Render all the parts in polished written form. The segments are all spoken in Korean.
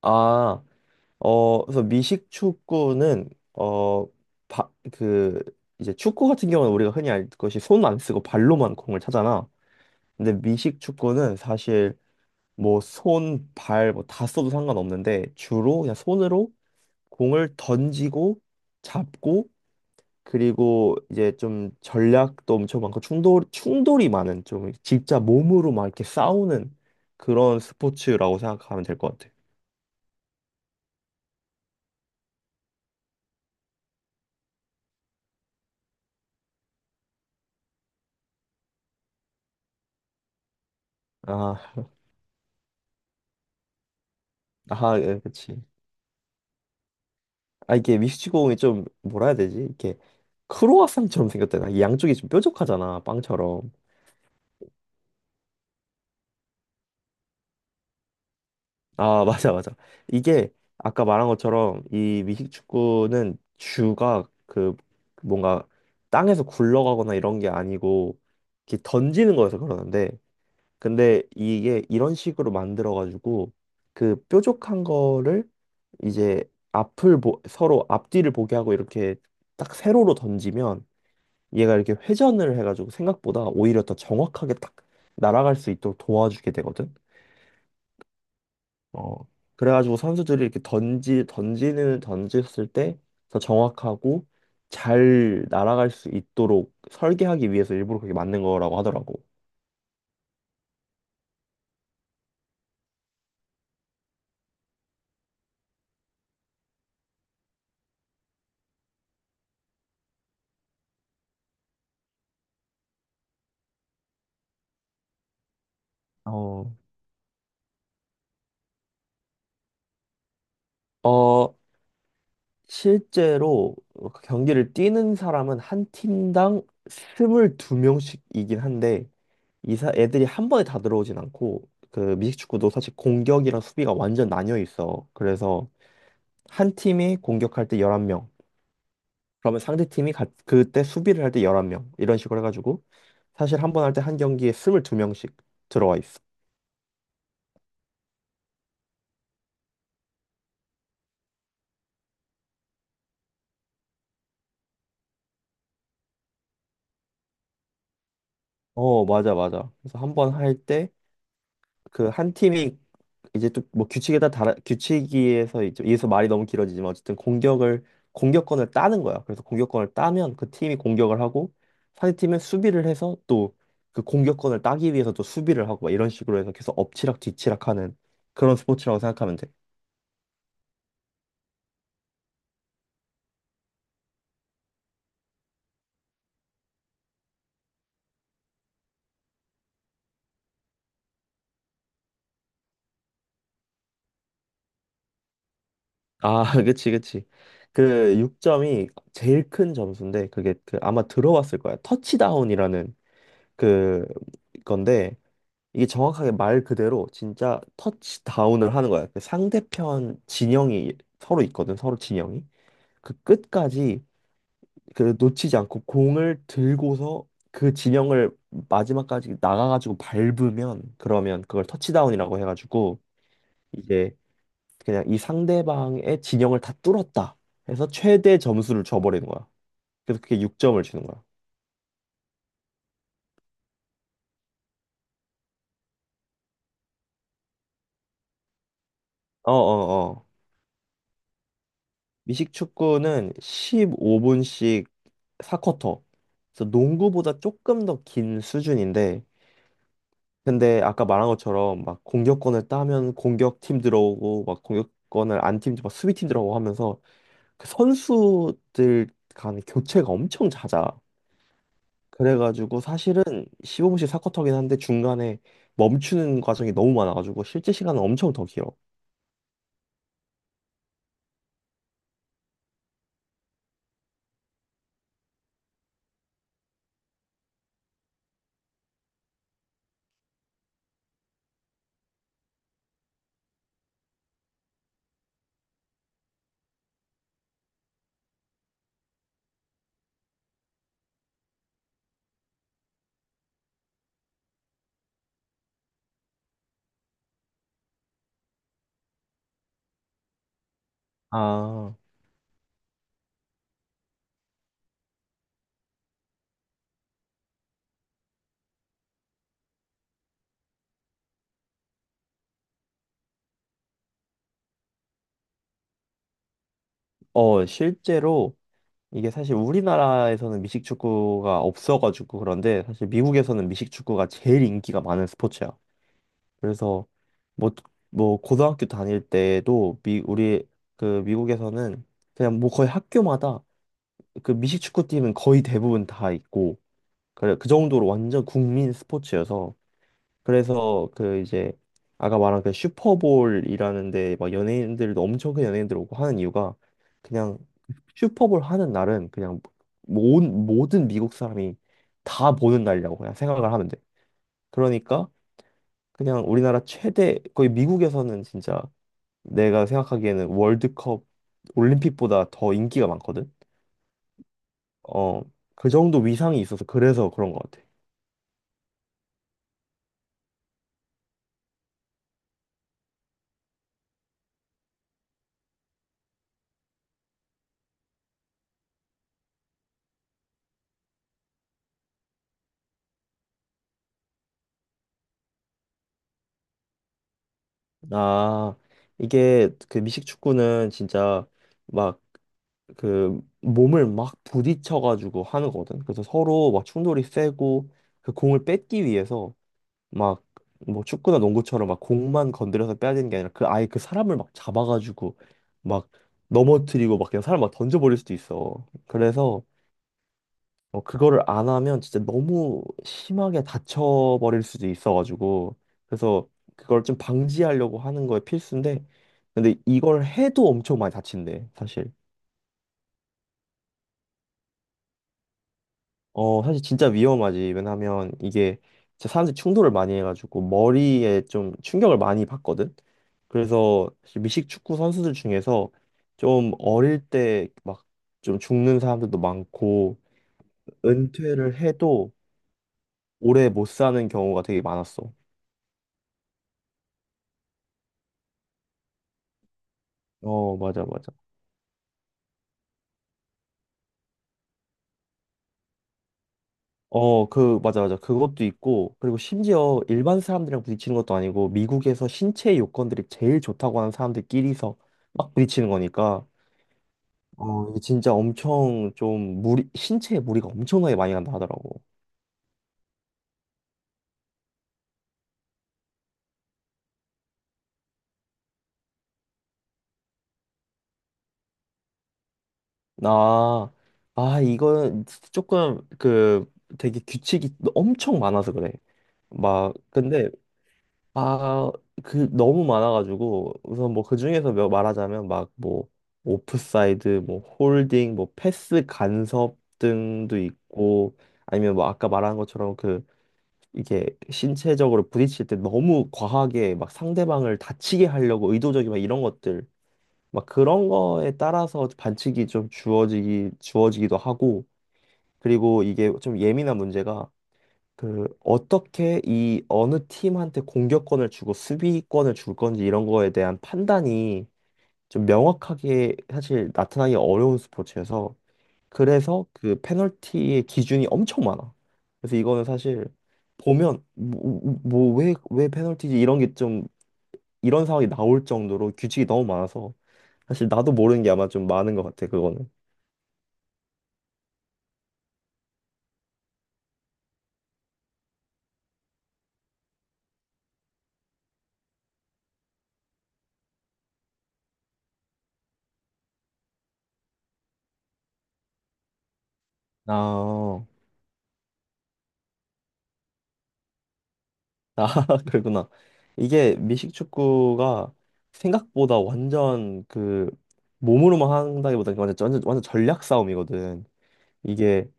아, 그래서 미식 축구는 어, 바, 그 이제 축구 같은 경우는 우리가 흔히 알 것이 손 안 쓰고 발로만 공을 차잖아. 근데 미식 축구는 사실 뭐 손, 발 뭐 다 써도 상관없는데 주로 그냥 손으로 공을 던지고 잡고, 그리고 이제 좀 전략도 엄청 많고 충돌이 많은, 좀 진짜 몸으로 막 이렇게 싸우는 그런 스포츠라고 생각하면 될 것 같아. 아, 예, 그치. 아, 이게 미식축공이 좀 뭐라 해야 되지? 이렇게 크로와상처럼 생겼잖아. 이 양쪽이 좀 뾰족하잖아, 빵처럼. 아, 맞아, 맞아. 이게 아까 말한 것처럼 이 미식축구는 주가 그 뭔가 땅에서 굴러가거나 이런 게 아니고 이렇게 던지는 거여서 그러는데, 근데 이게 이런 식으로 만들어가지고 그 뾰족한 거를 이제 앞을 보, 서로 앞뒤를 보게 하고 이렇게 딱 세로로 던지면 얘가 이렇게 회전을 해가지고 생각보다 오히려 더 정확하게 딱 날아갈 수 있도록 도와주게 되거든. 어. 그래가지고 선수들이 이렇게 던지는 던졌을 때 더 정확하고 잘 날아갈 수 있도록 설계하기 위해서 일부러 그렇게 만든 거라고 하더라고. 어, 어, 실제로 그 경기를 뛰는 사람은 한 팀당 22명씩이긴 한데 이사 애들이 한 번에 다 들어오진 않고, 그 미식축구도 사실 공격이랑 수비가 완전 나뉘어 있어. 그래서 한 팀이 공격할 때 11명. 그러면 상대 팀이 가- 그때 수비를 할 때 11명. 이런 식으로 해 가지고 사실 한 번 할 때 한 경기에 22명씩 들어와 있어. 어, 맞아 맞아. 그래서 한번할때 그 한 팀이 이제 또 뭐 규칙에 다 달아- 규칙에서 이제 여기서 말이 너무 길어지지만 어쨌든 공격을 공격권을 따는 거야. 그래서 공격권을 따면 그 팀이 공격을 하고 상대팀은 수비를 해서 또 그 공격권을 따기 위해서 또 수비를 하고 막 이런 식으로 해서 계속 엎치락 뒤치락하는 그런 스포츠라고 생각하면 돼. 아, 그치, 그치. 그 6점이 제일 큰 점수인데, 그게 그 아마 들어봤을 거야. 터치다운이라는 그 건데 이게 정확하게 말 그대로 진짜 터치다운을 하는 거야. 그 상대편 진영이 서로 있거든, 서로 진영이. 그 끝까지 그 놓치지 않고 공을 들고서 그 진영을 마지막까지 나가가지고 밟으면 그러면 그걸 터치다운이라고 해가지고 이제 그냥 이 상대방의 진영을 다 뚫었다 해서 최대 점수를 줘버리는 거야. 그래서 그게 6점을 주는 거야. 어어어. 미식 축구는 15분씩 4쿼터. 그래서 농구보다 조금 더 긴 수준인데, 근데 아까 말한 것처럼 막 공격권을 따면 공격팀 들어오고, 막 공격권을 안 팀, 막 수비팀 들어오고 하면서 그 선수들 간 교체가 엄청 잦아. 그래가지고 사실은 15분씩 4쿼터긴 한데 중간에 멈추는 과정이 너무 많아가지고 실제 시간은 엄청 더 길어. 아, 실제로 이게 사실 우리나라에서는 미식축구가 없어가지고. 그런데 사실 미국에서는 미식축구가 제일 인기가 많은 스포츠야. 그래서 뭐, 뭐 고등학교 다닐 때도 미, 우리 그 미국에서는 그냥 뭐 거의 학교마다 그 미식축구팀은 거의 대부분 다 있고, 그래 그 정도로 완전 국민 스포츠여서 그래서 그 이제 아까 말한 그 슈퍼볼이라는 데막 연예인들도 엄청 큰 연예인들 오고 하는 이유가, 그냥 슈퍼볼 하는 날은 그냥 모든 미국 사람이 다 보는 날이라고 그냥 생각을 하면 돼. 그러니까 그냥 우리나라 최대 거의 미국에서는 진짜 내가 생각하기에는 월드컵 올림픽보다 더 인기가 많거든. 어, 그 정도 위상이 있어서 그래서 그런 것 같아. 아, 이게 그 미식 축구는 진짜 막 그 몸을 막 부딪혀가지고 하는거든. 그래서 서로 막 충돌이 세고 그 공을 뺏기 위해서 막 뭐 축구나 농구처럼 막 공만 건드려서 빼야 되는 게 아니라 그 아예 그 사람을 막 잡아가지고 막 넘어뜨리고 막 그냥 사람 막 던져버릴 수도 있어. 그래서 어, 그거를 안 하면 진짜 너무 심하게 다쳐버릴 수도 있어가지고 그래서 그걸 좀 방지하려고 하는 거에 필수인데, 근데 이걸 해도 엄청 많이 다친대 사실. 어, 사실 진짜 위험하지. 왜냐하면 이게 진짜 사람들이 충돌을 많이 해가지고 머리에 좀 충격을 많이 받거든. 그래서 사실 미식 축구 선수들 중에서 좀 어릴 때 막 좀 죽는 사람들도 많고 은퇴를 해도 오래 못 사는 경우가 되게 많았어. 어, 맞아, 맞아. 어, 그, 맞아, 맞아. 그것도 있고, 그리고 심지어 일반 사람들이랑 부딪히는 것도 아니고, 미국에서 신체 요건들이 제일 좋다고 하는 사람들끼리서 막 부딪히는 거니까, 어, 이게 진짜 엄청 좀 무리, 신체에 무리가 엄청나게 많이 간다 하더라고. 나, 이건 조금 그 되게 규칙이 엄청 많아서 그래. 막, 근데, 아, 그 너무 많아가지고, 우선 뭐 그 중에서 몇- 말하자면 막 뭐, 오프사이드, 뭐 홀딩, 뭐 패스 간섭 등도 있고, 아니면 뭐 아까 말한 것처럼 그 이게 신체적으로 부딪힐 때 너무 과하게 막 상대방을 다치게 하려고 의도적인 막 이런 것들 막 그런 거에 따라서 반칙이 좀 주어지기도 하고, 그리고 이게 좀 예민한 문제가 그 어떻게 이 어느 팀한테 공격권을 주고 수비권을 줄 건지 이런 거에 대한 판단이 좀 명확하게 사실 나타나기 어려운 스포츠여서 그래서 그 페널티의 기준이 엄청 많아. 그래서 이거는 사실 보면 뭐, 왜 페널티지 이런 게 좀 이런 상황이 나올 정도로 규칙이 너무 많아서 사실 나도 모르는 게 아마 좀 많은 것 같아 그거는. 아, 아 그러구나. 이게 미식 축구가 생각보다 완전 그 몸으로만 한다기보다 완전 전략 싸움이거든. 이게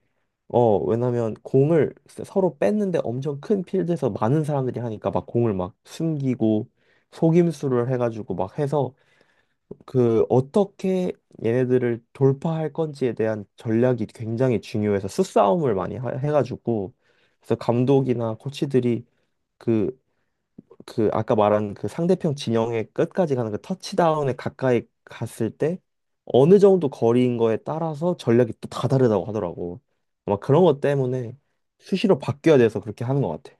어, 왜냐면 공을 서로 뺐는데 엄청 큰 필드에서 많은 사람들이 하니까 막 공을 막 숨기고 속임수를 해가지고 막 해서 그 어떻게 얘네들을 돌파할 건지에 대한 전략이 굉장히 중요해서 수싸움을 많이 하- 해가지고 그래서 감독이나 코치들이 그 그 아까 말한 그 상대편 진영의 끝까지 가는 그 터치다운에 가까이 갔을 때 어느 정도 거리인 거에 따라서 전략이 또 다 다르다고 하더라고. 아마 그런 것 때문에 수시로 바뀌어야 돼서 그렇게 하는 것 같아.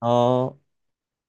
아